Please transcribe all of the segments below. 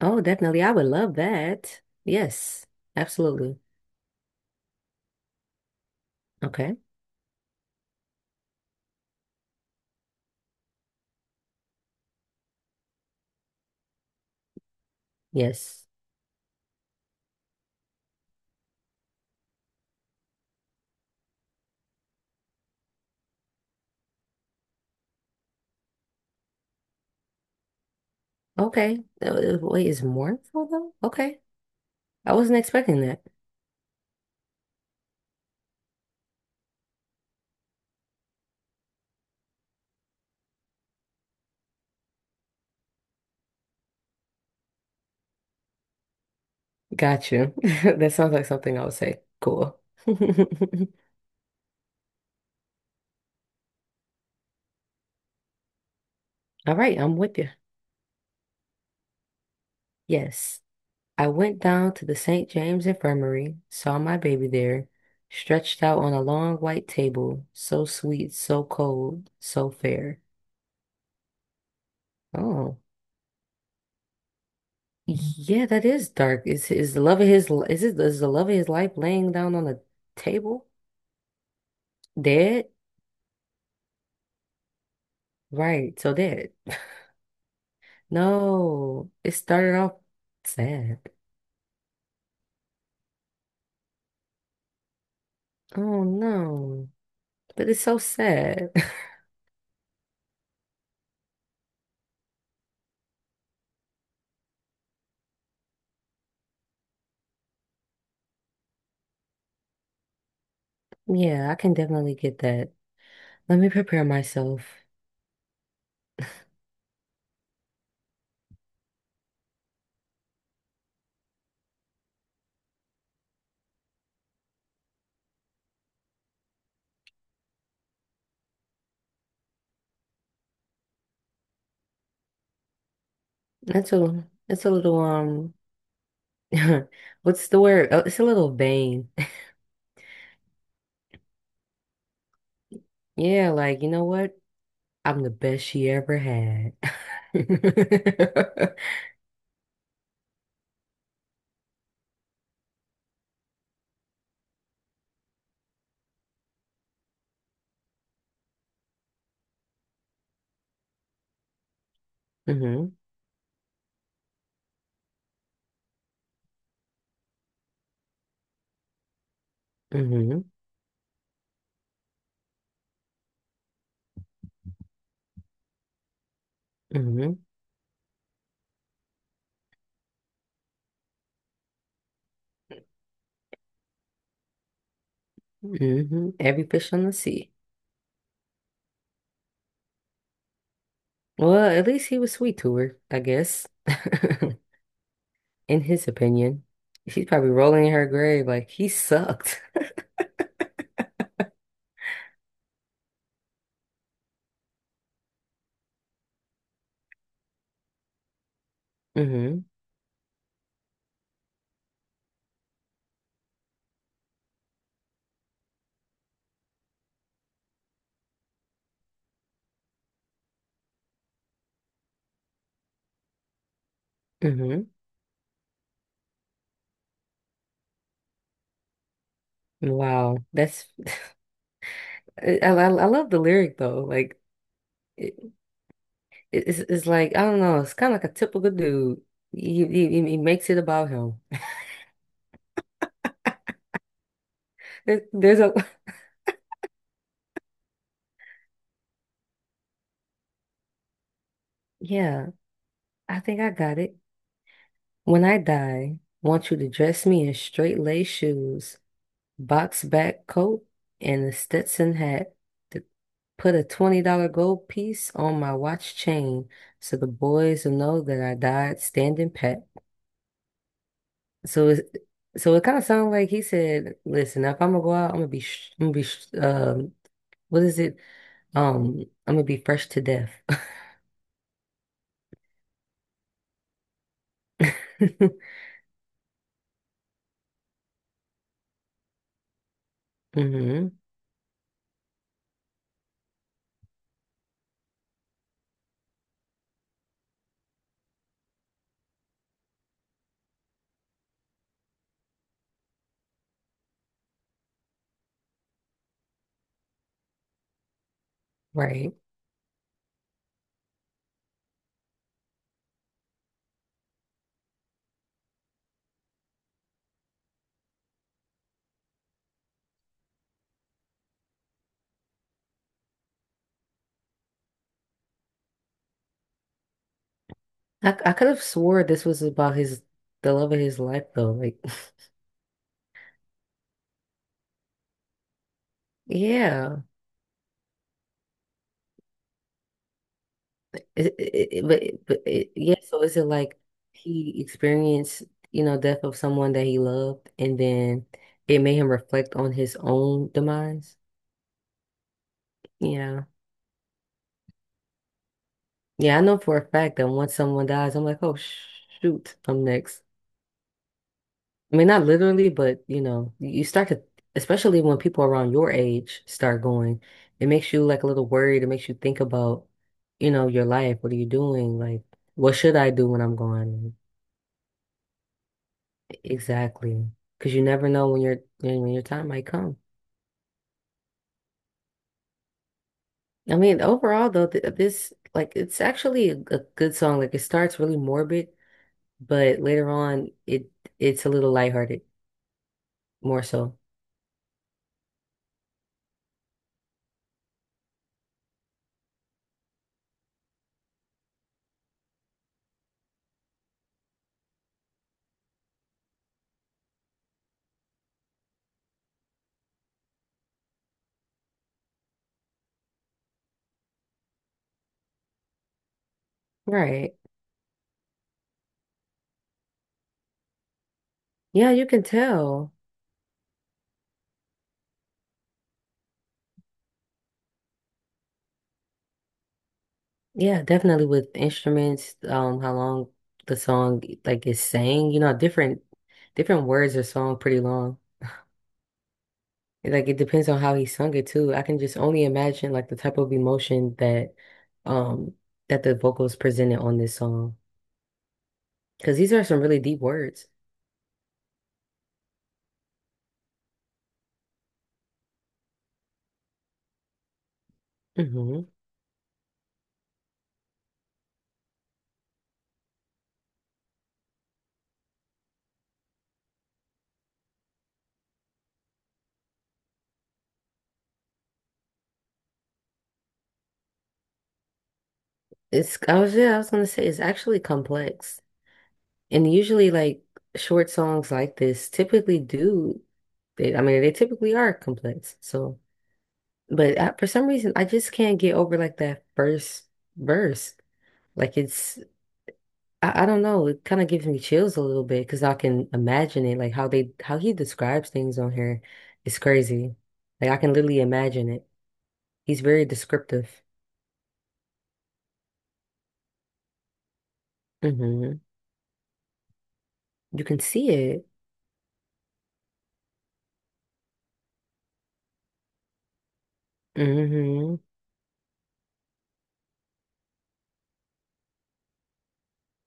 Oh, definitely. I would love that. Yes, absolutely. Okay. Yes. Okay. Wait, is mournful though? Okay. I wasn't expecting that. Got you. That sounds like something I would say. Cool. All right, I'm with you. Yes. I went down to the St. James Infirmary, saw my baby there, stretched out on a long white table, so sweet, so cold, so fair. Oh. Yeah, that is dark. Is the love of is the love of his life laying down on the table? Dead? Right, so dead. No, it started off sad. Oh no. But it's so sad. Yeah, I can definitely get that. Let me prepare myself. That's a, it's a little what's the word? Oh, it's a little vain. Yeah, like you know what? I'm the best she ever had. hmm hmm hmm hmm Every fish on the sea. Well, at least he was sweet to her, I guess. In his opinion, she's probably rolling in her grave like he sucked. hmm hmm Wow, that's I love the lyric though. Like it, it's like I don't know. It's kind of like a typical dude. He makes it about him. There's a yeah. I think I got it. When I die, want you to dress me in straight lace shoes, box back coat, and a Stetson hat. To put a $20 gold piece on my watch chain so the boys will know that I died standing pat. So it's so it kind of sounds like he said, "Listen, if I'm gonna go out, I'm gonna be, sh what is it? I'm gonna be fresh to death." hmm Right. I could have swore this was about his the love of his life though. Like, yeah. Yeah, so is it like he experienced, you know, death of someone that he loved, and then it made him reflect on his own demise? Yeah, yeah, I know for a fact that once someone dies, I'm like, shoot, I'm next. I mean, not literally, but you know, you start to, especially when people around your age start going, it makes you like a little worried. It makes you think about, you know, your life. What are you doing? Like, what should I do when I'm gone? Exactly. Because you never know when your time might come. I mean, overall though, th this like it's actually a good song. Like it starts really morbid, but later on it's a little lighthearted more so. Right. Yeah, you can tell. Yeah, definitely with instruments, how long the song like is sang. You know, different words are song pretty long. It, like it depends on how he sung it too. I can just only imagine like the type of emotion that um that the vocals presented on this song. Because these are some really deep words. Hmm It's, I was, yeah, I was gonna say it's actually complex. And usually like short songs like this typically do, they I mean they typically are complex. So but I, for some reason I just can't get over like that first verse. Like it's, I don't know. It kind of gives me chills a little bit because I can imagine it, like how he describes things on here. It's crazy. Like I can literally imagine it. He's very descriptive. Hmm You can see it. Hmm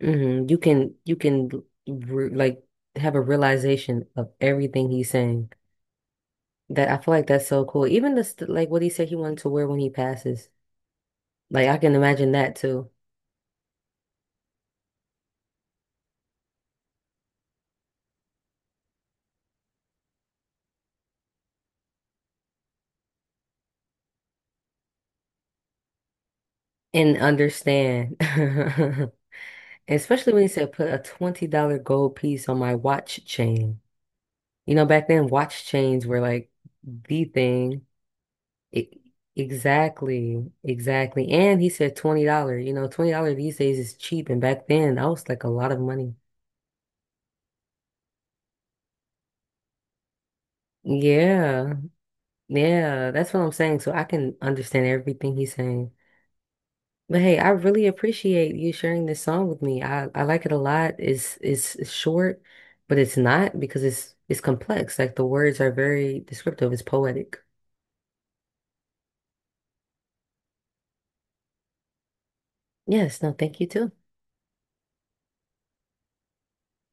hmm You can re like have a realization of everything he's saying. That, I feel like that's so cool. Even this like what he said he wanted to wear when he passes. Like I can imagine that too and understand. Especially when he said put a $20 gold piece on my watch chain. You know, back then watch chains were like the thing. E- exactly, exactly. And he said $20. You know, $20 these days is cheap. And back then that was like a lot of money. Yeah, yeah, that's what I'm saying. So I can understand everything he's saying. But hey, I really appreciate you sharing this song with me. I like it a lot. It's it's short, but it's not, because it's complex. Like the words are very descriptive. It's poetic. Yes, no, thank you too.